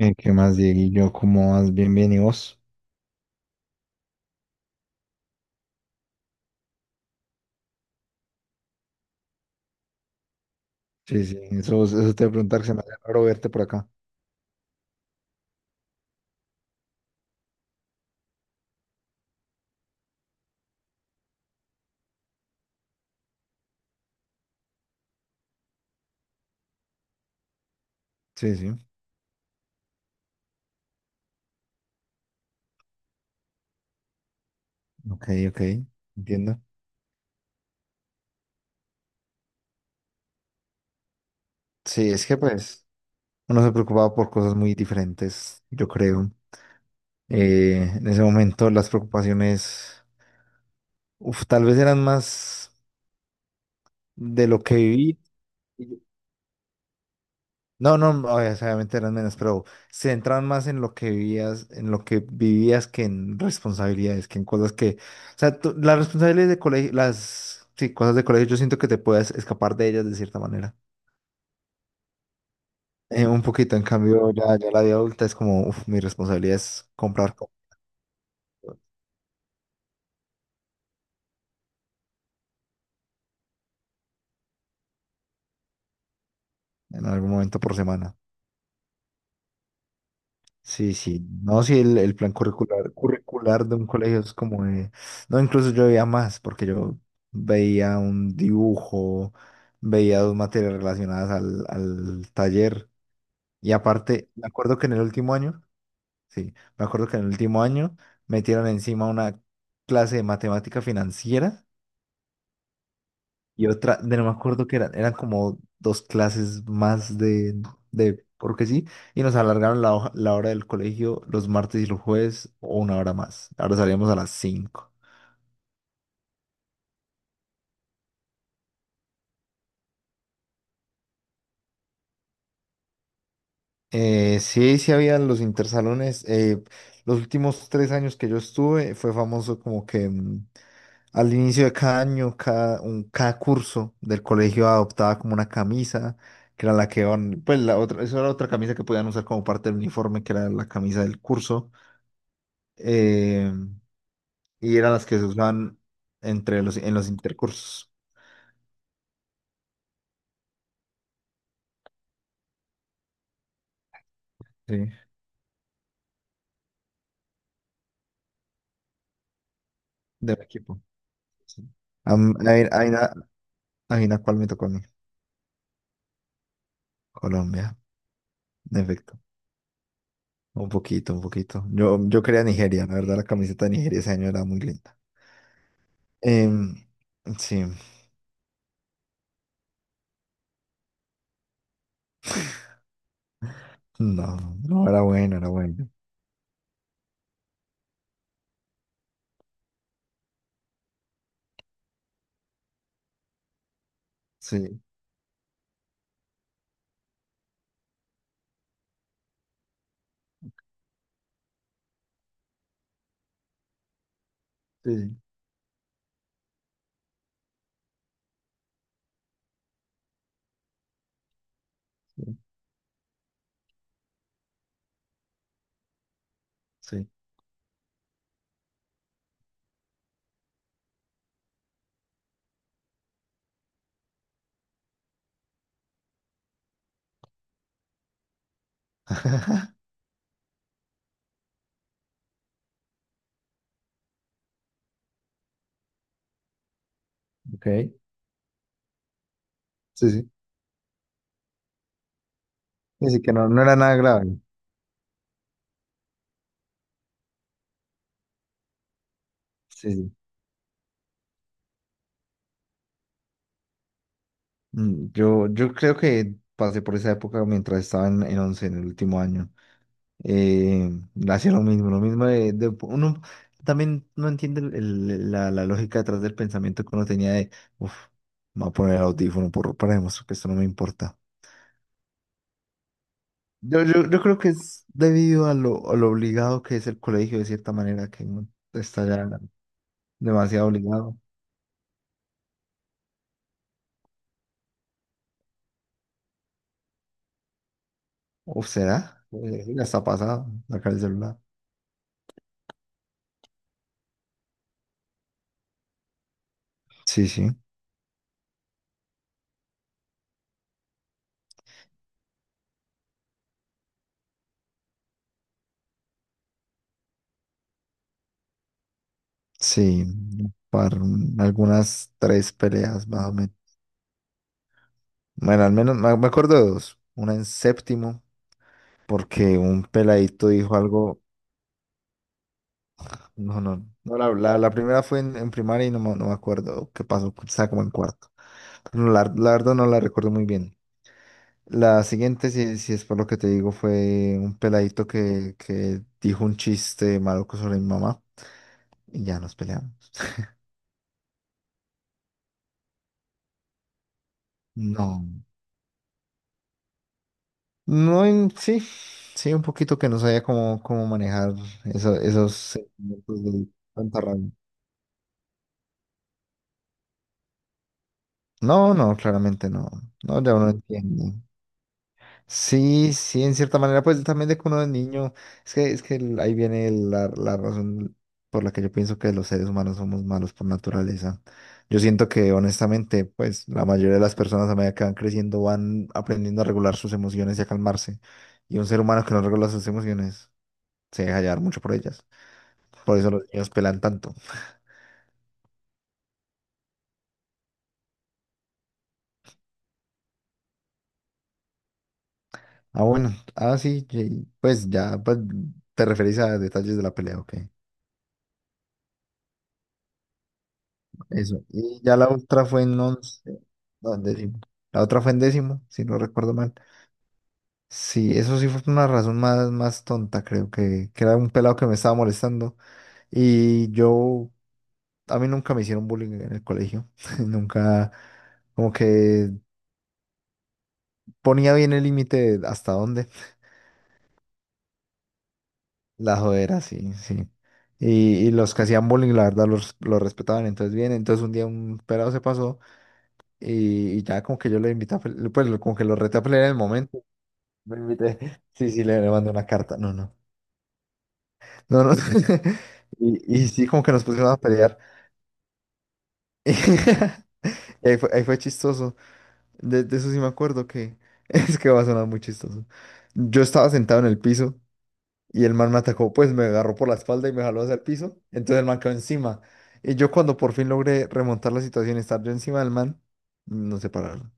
¿Qué más, Dieguillo? ¿Cómo vas? Bien, bien, ¿y vos? Sí, sí, eso te voy a preguntar, se me hace raro verte por acá. Sí, sí, ok, ok, entiendo. Sí, es que pues uno se preocupaba por cosas muy diferentes, yo creo. En ese momento las preocupaciones, uf, tal vez eran más de lo que viví. No, no, obviamente eran menos, pero se centraban más en lo que vivías, que en responsabilidades, que en cosas que, o sea, las responsabilidades de colegio, sí, cosas de colegio, yo siento que te puedes escapar de ellas de cierta manera. Un poquito, en cambio, ya la vida adulta es como, uf, mi responsabilidad es comprar. En algún momento por semana. Sí, sí. No, sí, el plan curricular, de un colegio es como. No, incluso yo veía más, porque yo veía un dibujo, veía dos materias relacionadas al taller. Y aparte, me acuerdo que en el último año, sí, me acuerdo que en el último año metieron encima una clase de matemática financiera y otra, de no me acuerdo que eran como dos clases más porque sí, y nos alargaron la hora del colegio los martes y los jueves o una hora más. Ahora salíamos a las 5. Sí, sí había los intersalones. Los últimos 3 años que yo estuve fue famoso como que al inicio de cada año, cada curso del colegio adoptaba como una camisa, que era la que iban, pues la otra, eso era otra camisa que podían usar como parte del uniforme, que era la camisa del curso. eh, y eran las que se usaban en los intercursos, sí, del equipo. Sí. Ahí ahí na cuál me tocó a mí, Colombia, en efecto. Un poquito, un poquito. Yo quería Nigeria, la verdad, la camiseta de Nigeria ese año era muy linda. Em, sí, no, no, era bueno, era bueno. Sí, sí, sí, sí, ok. Sí, sí. Así que no, no era nada grave. Sí, sí. Yo creo que pasé por esa época mientras estaba en 11 en el último año. Eh, hacía lo mismo uno también no entiende la lógica detrás del pensamiento que uno tenía de, uff, me voy a poner el audífono para demostrar que esto no me importa. Yo creo que es debido a lo obligado que es el colegio, de cierta manera, que uno está ya demasiado obligado. ¿O será? Ya está pasado, sacar el celular. Sí, sí. Sí, para algunas tres peleas más o menos. Bueno, al menos me acuerdo de dos. Una en séptimo, porque un peladito dijo algo. No, no, no. La primera fue en primaria y no, me no me acuerdo qué pasó. Estaba como en cuarto. No, la verdad no la recuerdo muy bien. La siguiente, si es por lo que te digo, fue un peladito que dijo un chiste maluco sobre mi mamá y ya nos peleamos. No. No, sí, sí, un poquito que no sabía cómo manejar esos sentimientos de tanta rabia. No, no, claramente no. No, ya uno entiende. Sí, sí, en cierta manera, pues también de que uno es niño, es que ahí viene la razón por la que yo pienso que los seres humanos somos malos por naturaleza. Yo siento que honestamente, pues la mayoría de las personas a medida que van creciendo van aprendiendo a regular sus emociones y a calmarse. Y un ser humano que no regula sus emociones se deja llevar mucho por ellas. Por eso los niños pelan tanto. Ah, bueno. Ah, sí, pues ya pues, te referís a detalles de la pelea, ok. Eso. Y ya la otra fue en 11. No, en 10.º. La otra fue en 10.º, si no recuerdo mal. Sí, eso sí fue por una razón más, más tonta, creo que era un pelado que me estaba molestando. Y yo, a mí nunca me hicieron bullying en el colegio. Nunca, como que ponía bien el límite de hasta dónde. La jodera, sí, sí. Y los, que hacían bullying, la verdad, los respetaban. Entonces, bien, entonces un día un pelado se pasó y ya como que yo lo invité a pelear, pues como que lo reté a pelear en el momento. Lo invité. Sí, sí, le mandé una carta. No, no. No, no. Y sí, como que nos pusimos a pelear. Y ahí fue chistoso. De eso sí me acuerdo que es que va a sonar muy chistoso. Yo estaba sentado en el piso. Y el man me atacó, pues me agarró por la espalda y me jaló hacia el piso. Entonces el man quedó encima. Y yo cuando por fin logré remontar la situación y estar yo encima del man, nos separaron.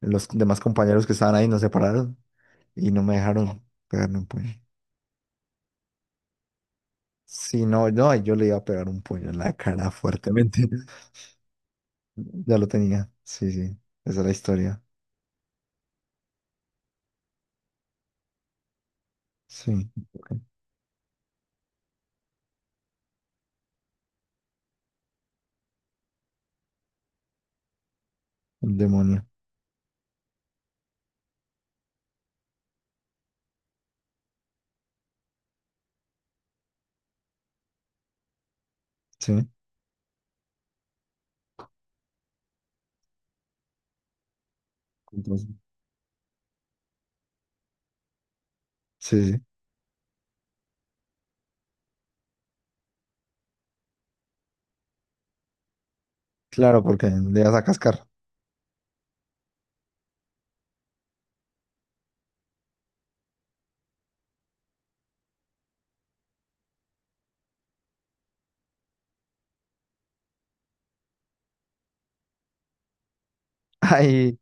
Los demás compañeros que estaban ahí nos separaron y no me dejaron pegarle un puño. Si no, no, yo le iba a pegar un puño en la cara fuertemente. Ya lo tenía. Sí, sí. Esa es la historia. Sí. Ok. Un demonio. Sí. Entonces, sí, sí. Claro, porque le ibas a cascar. Ahí,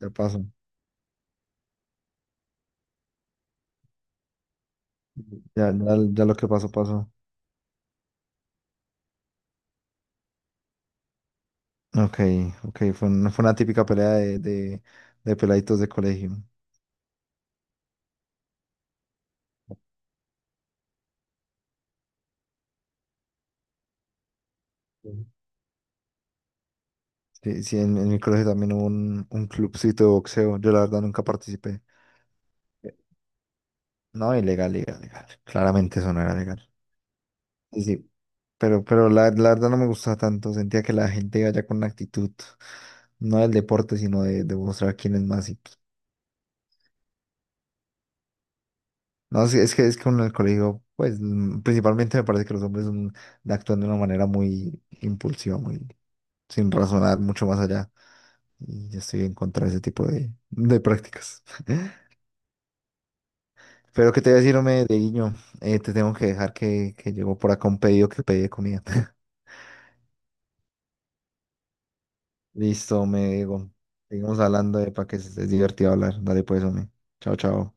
ya pasó. Ya, ya, ya lo que pasó, pasó. Ok, ok, fue una típica pelea de peladitos de colegio. Ujú. Sí, sí, en mi colegio también hubo un clubcito de boxeo. Yo la verdad nunca participé. Eh, No, ilegal, ilegal, ilegal. Claramente eso no era legal. Sí, sí, pero la verdad no me gustaba tanto. Sentía que la gente iba ya con una actitud, no del deporte, sino de mostrar quién es más. Y, pues, no, sí, es que uno en el colegio, pues principalmente me parece que los hombres actúan de una manera muy impulsiva, muy sin razonar mucho más allá. Y yo estoy en contra de ese tipo de prácticas. Pero que te voy a decir, hombre, Dieguiño, te tengo que dejar que llegó por acá un pedido que pedí de comida. Listo, me digo. Seguimos hablando de para que es divertido hablar. Dale pues, hombre. Chao, chao.